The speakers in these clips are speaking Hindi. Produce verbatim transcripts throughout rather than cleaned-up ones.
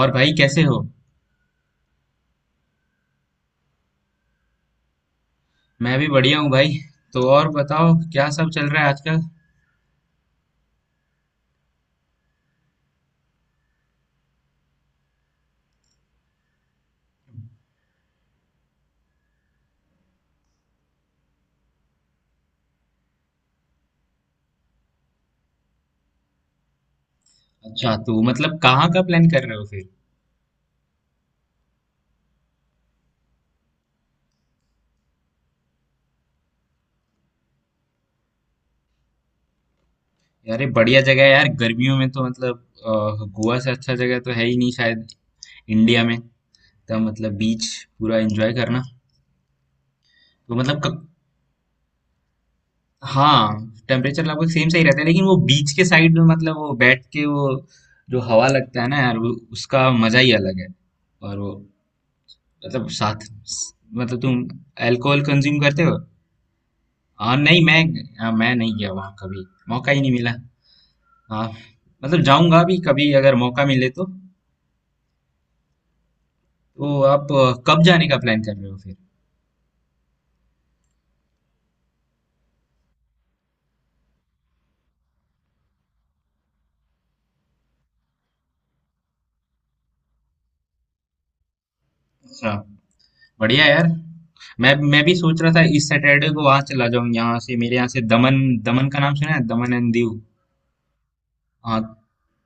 और भाई कैसे हो? मैं भी बढ़िया हूँ भाई। तो और बताओ क्या सब चल रहा है आजकल? अच्छा तो मतलब कहाँ का प्लान कर रहे हो फिर? यार ये बढ़िया जगह है यार गर्मियों में तो मतलब अ, गोवा से अच्छा जगह तो है ही नहीं शायद इंडिया में। तो मतलब बीच पूरा एंजॉय करना। तो मतलब क... हाँ टेम्परेचर लगभग सेम सही रहता है लेकिन वो बीच के साइड में मतलब वो बैठ के वो जो हवा लगता है ना यार वो उसका मजा ही अलग है। और वो मतलब साथ मतलब तुम अल्कोहल कंज्यूम करते हो? आ, नहीं मैं। आ, मैं नहीं गया वहाँ कभी। मौका ही नहीं मिला। आ, मतलब जाऊंगा भी कभी अगर मौका मिले तो। तो आप आ, कब जाने का प्लान कर रहे हो फिर? अच्छा। बढ़िया यार। मैं मैं भी सोच रहा था इस सैटरडे को वहां चला जाऊं यहाँ से, मेरे यहाँ से दमन। दमन का नाम सुना है? दमन एंड दीव। हाँ।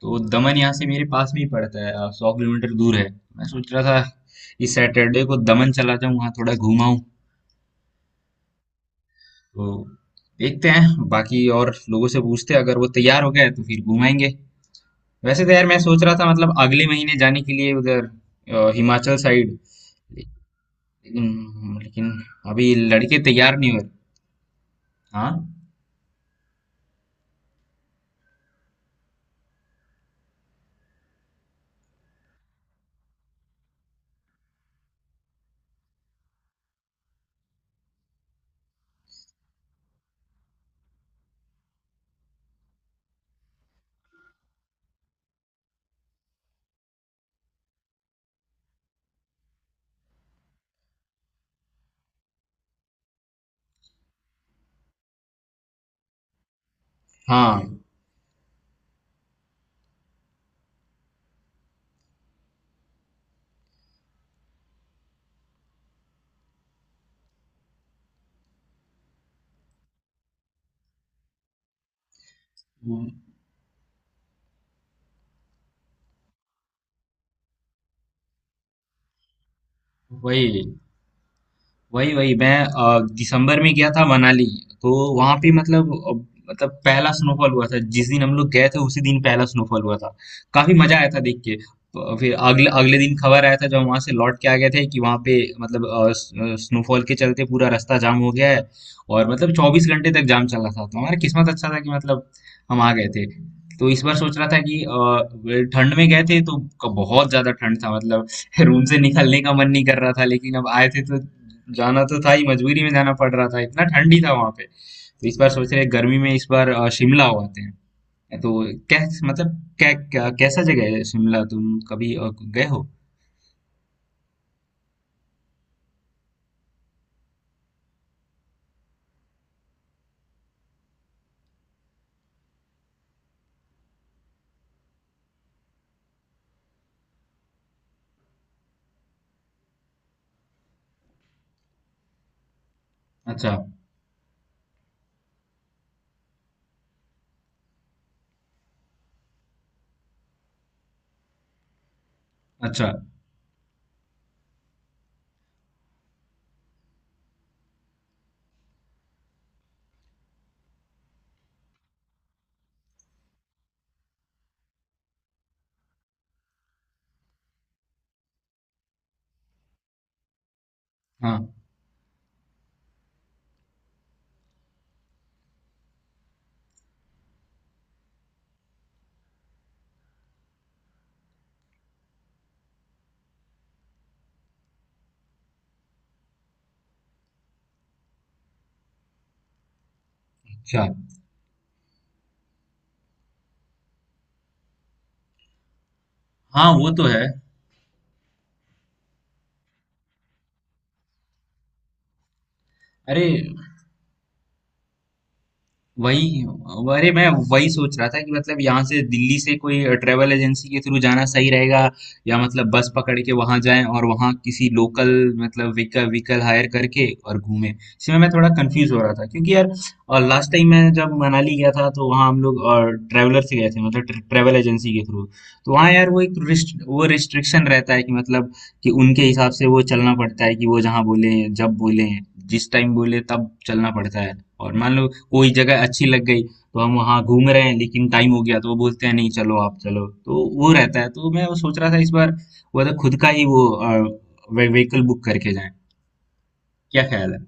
तो दमन यहाँ से मेरे पास में ही पड़ता है, आ, सौ किलोमीटर दूर है। मैं सोच रहा था इस सैटरडे को दमन चला जाऊं वहाँ थोड़ा घूमाऊं। तो देखते हैं बाकी और लोगों से पूछते हैं अगर वो तैयार हो गए तो फिर घुमाएंगे। वैसे तो यार मैं सोच रहा था मतलब अगले महीने जाने के लिए उधर अ, हिमाचल साइड। लेकिन लेकिन अभी लड़के तैयार नहीं हुए। हाँ। हाँ। वो- वही। वही वही मैं अ, दिसंबर में गया था मनाली। तो वहां पे मतलब अ, मतलब पहला स्नोफॉल हुआ था जिस दिन हम लोग गए थे उसी दिन पहला स्नोफॉल हुआ था। काफी मजा आया था देख के। प- फिर अगले अगले दिन खबर आया था जब वहां से लौट के आ गए थे कि वहां पे मतलब अ, स- अ, स्नोफॉल के चलते पूरा रास्ता जाम हो गया है। और मतलब चौबीस घंटे तक जाम चला था तो हमारा किस्मत अच्छा था कि मतलब हम आ गए थे। तो इस बार सोच रहा था कि अ, ठंड में गए थे तो क- बहुत ज्यादा ठंड था मतलब रूम से निकलने का मन नहीं कर रहा था, लेकिन अब आए थे तो जाना तो था ही, मजबूरी में जाना पड़ रहा था। इतना ठंडी था वहां पे तो इस बार सोच रहे हैं, गर्मी में इस बार अ, शिमला हो आते हैं। तो कैस मतलब कै, क्या कैसा जगह है शिमला? तुम कभी अ, गए हो? अच्छा। अच्छा। हाँ। अच्छा। हाँ, वो तो है। अरे वही। अरे मैं वही सोच रहा था कि मतलब यहाँ से दिल्ली से कोई ट्रेवल एजेंसी के थ्रू जाना सही रहेगा या मतलब बस पकड़ के वहां जाएं और वहां किसी लोकल मतलब व्हीकल व्हीकल हायर करके और घूमें, इसमें मैं थोड़ा कंफ्यूज हो रहा था क्योंकि यार। और लास्ट टाइम मैं जब मनाली गया था तो वहाँ हम लोग और ट्रैवलर से गए थे मतलब ट्र- ट्रैवल एजेंसी के थ्रू। तो वहाँ यार वो एक रिस्ट, वो रिस्ट्रिक्शन रहता है कि मतलब कि उनके हिसाब से वो चलना पड़ता है कि वो जहाँ बोले, जब बोले, जिस टाइम बोले तब चलना पड़ता है। और मान लो कोई जगह अच्छी लग गई तो हम वहाँ घूम रहे हैं लेकिन टाइम हो गया तो वो बोलते हैं नहीं चलो आप चलो, तो वो रहता है। तो मैं वो सोच रहा था इस बार वो तो खुद का ही वो व्हीकल बुक करके जाएं। क्या ख्याल है?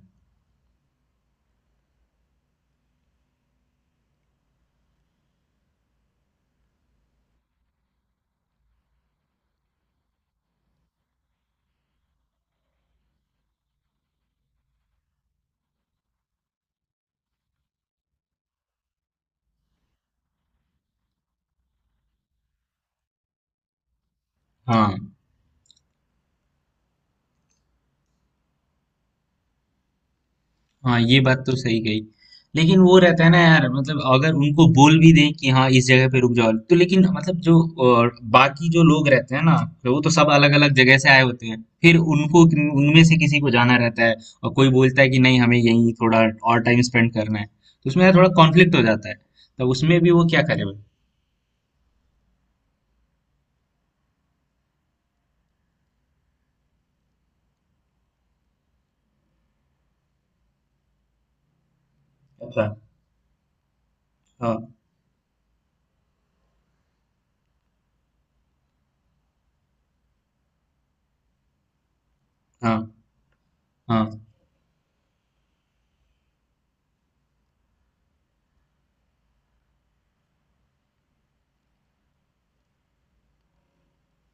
हाँ। हाँ, ये बात तो सही कही। लेकिन वो रहता है ना यार, मतलब अगर उनको बोल भी दें कि हाँ इस जगह पे रुक जाओ, तो लेकिन मतलब जो अ, बाकी जो लोग रहते हैं ना तो वो तो सब अलग अलग जगह से आए होते हैं फिर उनको, उनमें से किसी को जाना रहता है और कोई बोलता है कि नहीं हमें यहीं थोड़ा और टाइम स्पेंड करना है, तो उसमें यार थोड़ा कॉन्फ्लिक्ट हो जाता है। तो उसमें भी वो क्या करे भाई? अच्छा। हाँ। हाँ। हाँ।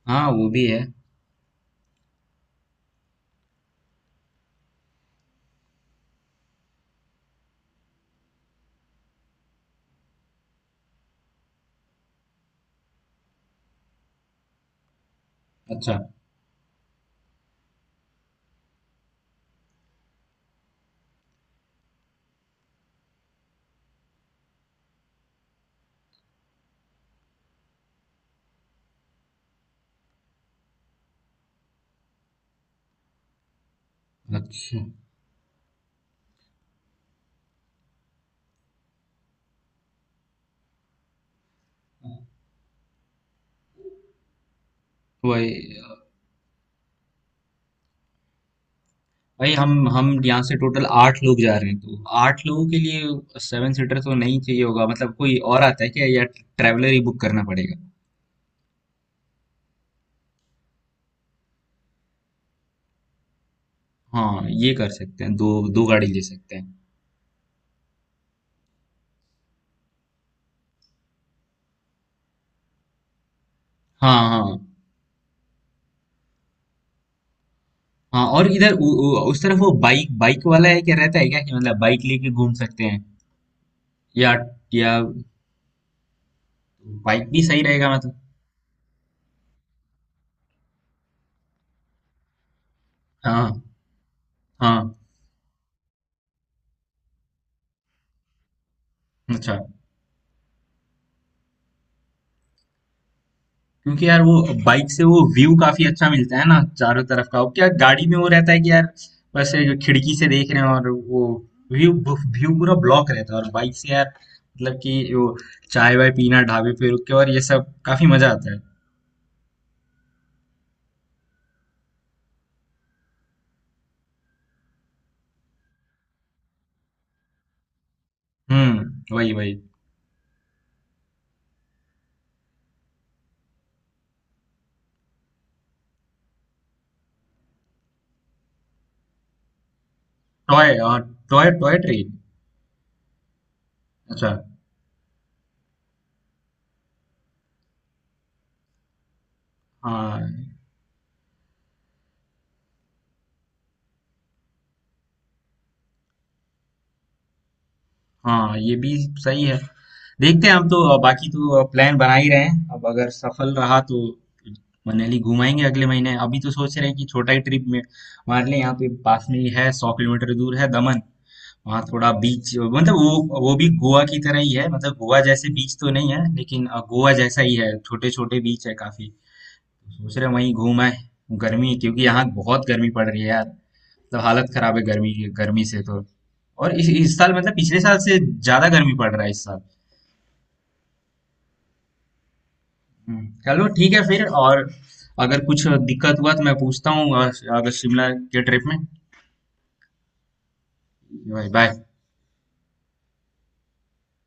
हाँ, वो भी है। अच्छा। अच्छा। वही। भाई हम हम यहाँ से टोटल आठ लोग जा रहे हैं तो आठ लोगों के लिए सेवन सीटर तो नहीं चाहिए होगा मतलब, कोई और आता है क्या या ट्रैवलर ही बुक करना पड़ेगा? हाँ ये कर सकते हैं, दो दो गाड़ी ले सकते हैं। हाँ। हाँ। हाँ। और इधर उ, उ, उस तरफ वो बाइक बाइक वाला है क्या, रहता है क्या कि मतलब बाइक लेके घूम सकते हैं? या या बाइक भी सही रहेगा मतलब। हाँ। हाँ। अच्छा। क्योंकि यार वो बाइक से वो व्यू काफी अच्छा मिलता है ना चारों तरफ का। वो क्या गाड़ी में वो रहता है कि यार बस खिड़की से देख रहे हैं और वो व्यू व्यू पूरा ब्लॉक रहता है। और बाइक से यार मतलब कि वो चाय वाय पीना ढाबे पे रुक के और ये सब, काफी मजा आता है। हम्म, वही वही। टॉय और। Toy toy train. अच्छा। हाँ। हाँ, ये भी सही है। देखते हैं हम तो, बाकी तो प्लान बना ही रहे हैं। अब अगर सफल रहा तो मनाली घुमाएंगे अगले महीने। अभी तो सोच रहे हैं कि छोटा ही ट्रिप में मान लें, यहाँ पे पास में ही है सौ किलोमीटर दूर है दमन। वहाँ थोड़ा बीच मतलब वो वो भी गोवा की तरह ही है मतलब गोवा जैसे बीच तो नहीं है लेकिन अ, गोवा जैसा ही है, छोटे छोटे बीच है काफी। सोच रहे हैं वहीं घूम आए। गर्मी, क्योंकि यहाँ बहुत गर्मी पड़ रही है यार मतलब हालत खराब है गर्मी। गर्मी से तो। और इस, इस साल मतलब पिछले साल से ज्यादा गर्मी पड़ रहा है इस साल। हम्म, चलो ठीक है फिर। और अगर कुछ दिक्कत हुआ तो मैं पूछता हूँ अगर शिमला के ट्रिप में। बाय।